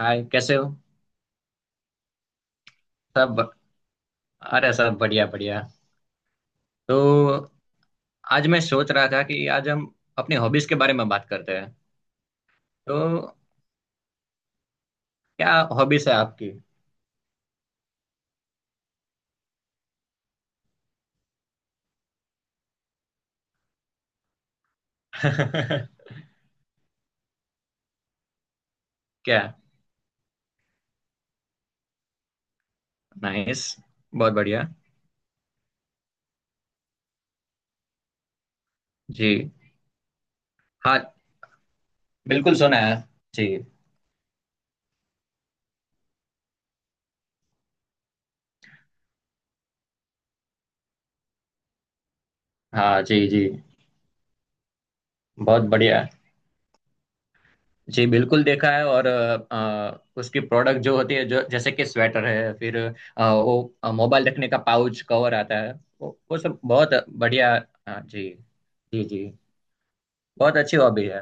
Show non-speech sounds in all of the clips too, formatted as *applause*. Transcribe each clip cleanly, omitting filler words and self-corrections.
हाय, कैसे हो? सब। अरे, सब बढ़िया बढ़िया। तो आज मैं सोच रहा था कि आज हम अपनी हॉबीज के बारे में बात करते हैं। तो क्या हॉबीज है आपकी? *laughs* क्या। नाइस। बहुत बढ़िया। जी, हाँ बिल्कुल सुना है। जी हाँ। जी जी। बहुत बढ़िया। जी बिल्कुल देखा है। और उसकी प्रोडक्ट जो होती है, जो जैसे कि स्वेटर है, फिर वो मोबाइल रखने का पाउच कवर आता है। वो सब बहुत बढ़िया। हाँ, जी। जी जी। बहुत अच्छी हॉबी है।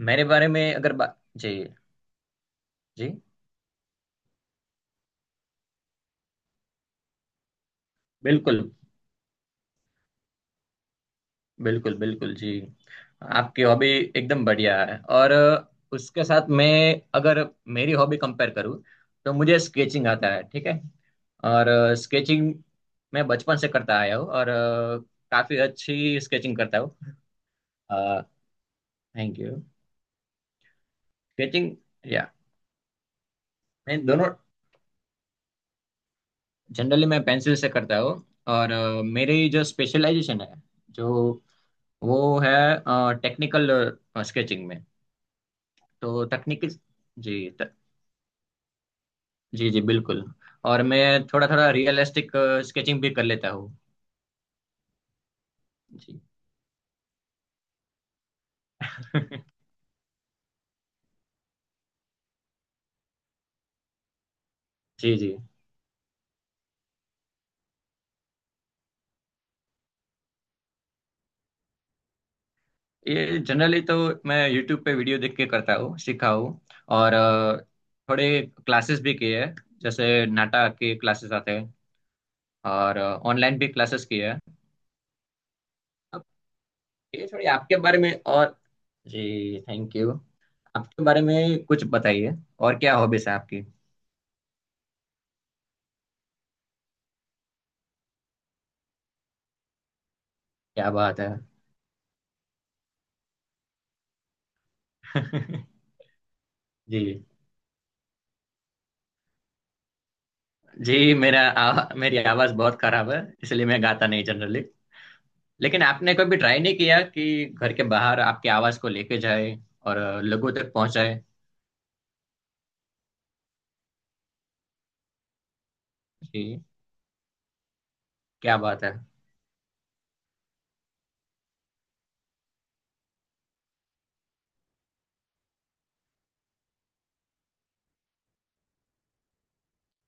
मेरे बारे में अगर बात। जी जी बिल्कुल। बिल्कुल बिल्कुल जी। आपकी हॉबी एकदम बढ़िया है। और उसके साथ मैं, अगर मेरी हॉबी कंपेयर करूँ, तो मुझे स्केचिंग आता है, ठीक है। और स्केचिंग मैं बचपन से करता आया हूँ, और काफी अच्छी स्केचिंग करता हूँ। Thank you. स्केचिंग या, मैं दोनों। जनरली मैं पेंसिल से करता हूँ। और मेरी जो स्पेशलाइजेशन है, जो वो है, टेक्निकल स्केचिंग में, तो तकनीकी। जी त, जी जी बिल्कुल। और मैं थोड़ा थोड़ा रियलिस्टिक स्केचिंग भी कर लेता हूँ। जी। *laughs* जी जी। ये जनरली तो मैं यूट्यूब पे वीडियो देख के करता हूँ, सीखा हूँ। और थोड़े क्लासेस भी किए हैं, जैसे नाटा के क्लासेस आते हैं। और ऑनलाइन भी क्लासेस किए हैं अब। ये थोड़ी आपके बारे में, और जी थैंक यू। आपके बारे में कुछ बताइए, और क्या हॉबीज है आपकी? क्या बात है। जी। मेरी आवाज बहुत खराब है, इसलिए मैं गाता नहीं जनरली। लेकिन आपने कभी ट्राई नहीं किया कि घर के बाहर आपकी आवाज को लेके जाए और लोगों तक पहुंचाए? जी। क्या बात है।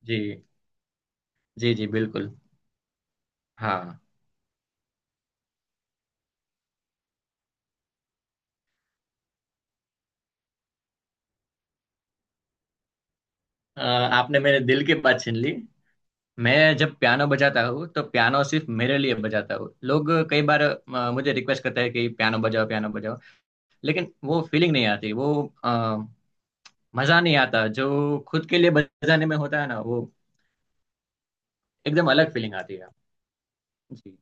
जी। जी जी बिल्कुल। हाँ। अ, आपने मेरे दिल की बात छीन ली। मैं जब पियानो बजाता हूँ, तो पियानो सिर्फ मेरे लिए बजाता हूँ। लोग कई बार मुझे रिक्वेस्ट करते हैं कि पियानो बजाओ, पियानो बजाओ, लेकिन वो फीलिंग नहीं आती। वो अ, मजा नहीं आता जो खुद के लिए बजाने में होता है ना, वो एकदम अलग फीलिंग आती है। जी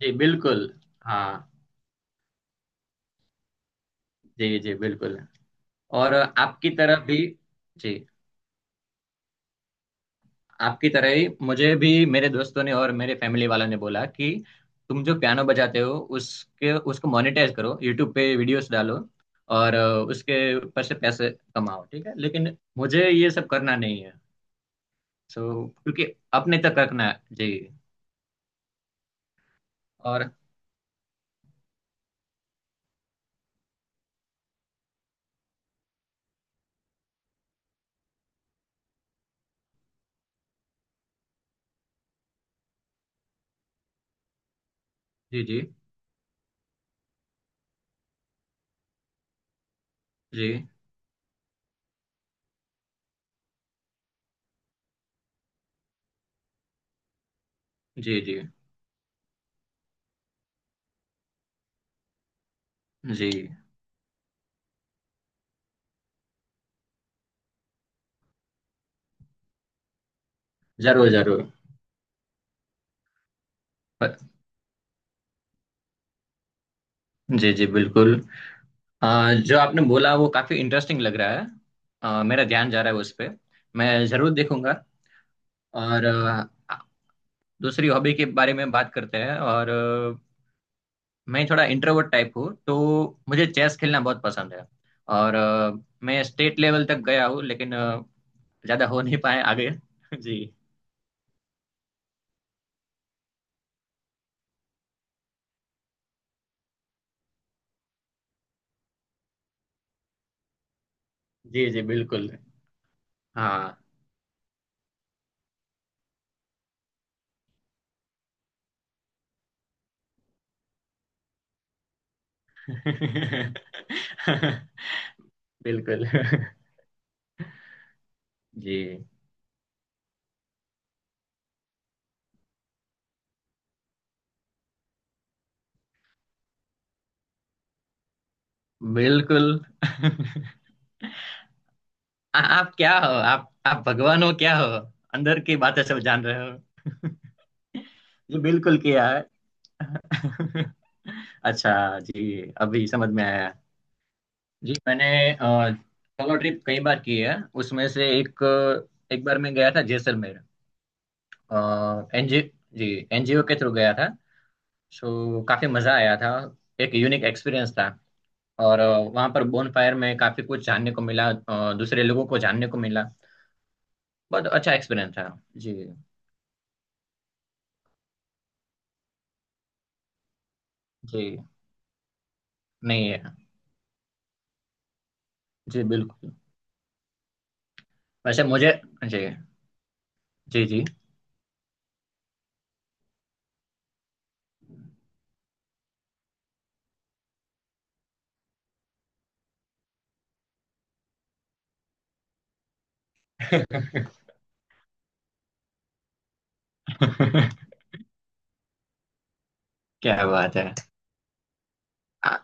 जी बिल्कुल। हाँ, जी जी बिल्कुल। और आपकी तरह भी। जी। आपकी तरह ही मुझे भी मेरे दोस्तों ने और मेरे फैमिली वालों ने बोला कि तुम जो पियानो बजाते हो, उसके उसको मोनेटाइज करो, यूट्यूब पे वीडियोस डालो और उसके ऊपर से पैसे कमाओ, ठीक है, लेकिन मुझे ये सब करना नहीं है। सो क्योंकि अपने तक रखना है जी। और जी जी। जी जी जी जी। जरूर जरूर। जी जी बिल्कुल। जो आपने बोला वो काफी इंटरेस्टिंग लग रहा है। मेरा ध्यान जा रहा है उस पे। मैं जरूर देखूंगा। और दूसरी हॉबी के बारे में बात करते हैं। और मैं थोड़ा इंट्रोवर्ट टाइप हूँ, तो मुझे चेस खेलना बहुत पसंद है। और मैं स्टेट लेवल तक गया हूँ, लेकिन ज्यादा हो नहीं पाए आगे। *laughs* जी जी। जी बिल्कुल। हाँ। *laughs* बिल्कुल जी बिल्कुल। आप क्या हो? आप भगवान हो क्या हो? अंदर की बातें सब जान रहे हो। जी बिल्कुल किया है। *laughs* अच्छा। जी, अभी समझ में आया। जी, मैंने अ, सोलो ट्रिप कई बार की है। उसमें से एक, एक बार मैं गया था जैसलमेर, एनजीओ, जी, एनजीओ के थ्रू गया था। सो काफी मजा आया था। एक यूनिक एक्सपीरियंस था। और वहाँ पर बोन फायर में काफी कुछ जानने को मिला, दूसरे लोगों को जानने को मिला। बहुत अच्छा एक्सपीरियंस था। जी। जी। नहीं है। जी बिल्कुल। वैसे मुझे, जी जी जी। *laughs* क्या बात है। आ,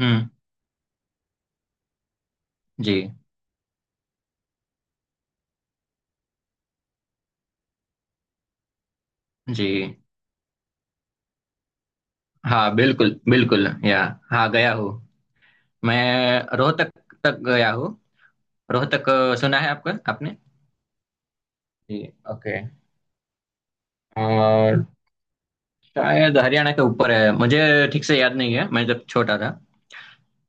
हम्म। जी जी। हाँ बिल्कुल बिल्कुल, या हाँ गया हूँ। मैं रोहतक तक गया हूँ। रोहतक सुना है आपका आपने। जी, ओके। और शायद हरियाणा के ऊपर है, मुझे ठीक से याद नहीं है, मैं जब छोटा था।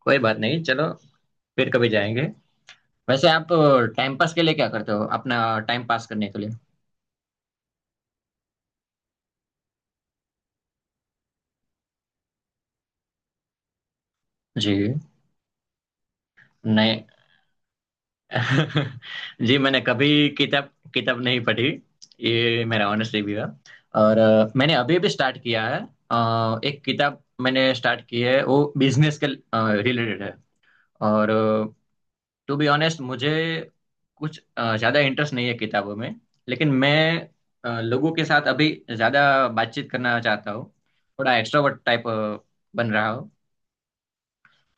कोई बात नहीं, चलो फिर कभी जाएंगे। वैसे आप टाइम पास के लिए क्या करते हो, अपना टाइम पास करने के लिए? जी, नहीं। *laughs* जी, मैंने कभी किताब किताब नहीं पढ़ी। ये मेरा ऑनेस्ट रिव्यू है। और मैंने अभी अभी स्टार्ट किया है। एक किताब मैंने स्टार्ट की है, वो बिजनेस के रिलेटेड है। और टू बी ऑनेस्ट, मुझे कुछ ज्यादा इंटरेस्ट नहीं है किताबों में। लेकिन मैं लोगों के साथ अभी ज्यादा बातचीत करना चाहता हूँ। थोड़ा एक्सट्रोवर्ट टाइप बन रहा हूँ,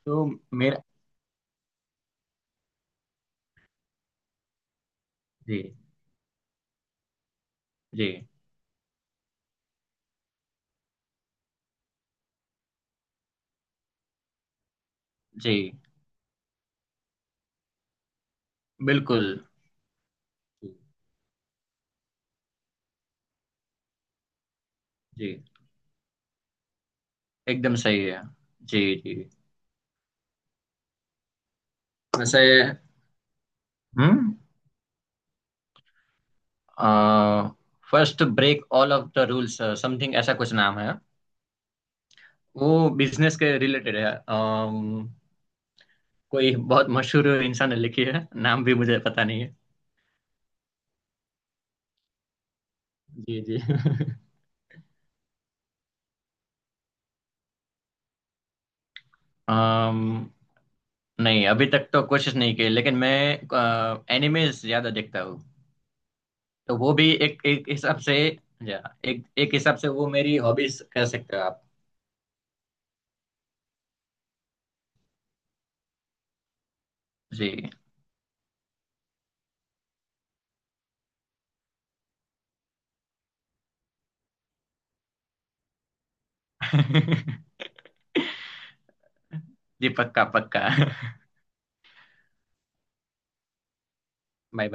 तो मेरा। जी जी जी बिल्कुल जी। एकदम सही है। जी जी। वैसे, hmm, first break all of the rules, something ऐसा कुछ नाम है। वो बिजनेस के रिलेटेड है। कोई बहुत मशहूर इंसान ने लिखी है, नाम भी मुझे पता नहीं है। जी जी। *laughs* अम, नहीं अभी तक तो कोशिश नहीं की, लेकिन मैं एनिमेज ज्यादा देखता हूँ, तो वो भी एक एक हिसाब से, या एक एक हिसाब से वो मेरी हॉबीज कह सकते हो आप। जी। *laughs* जी पक्का पक्का। *laughs* बाय।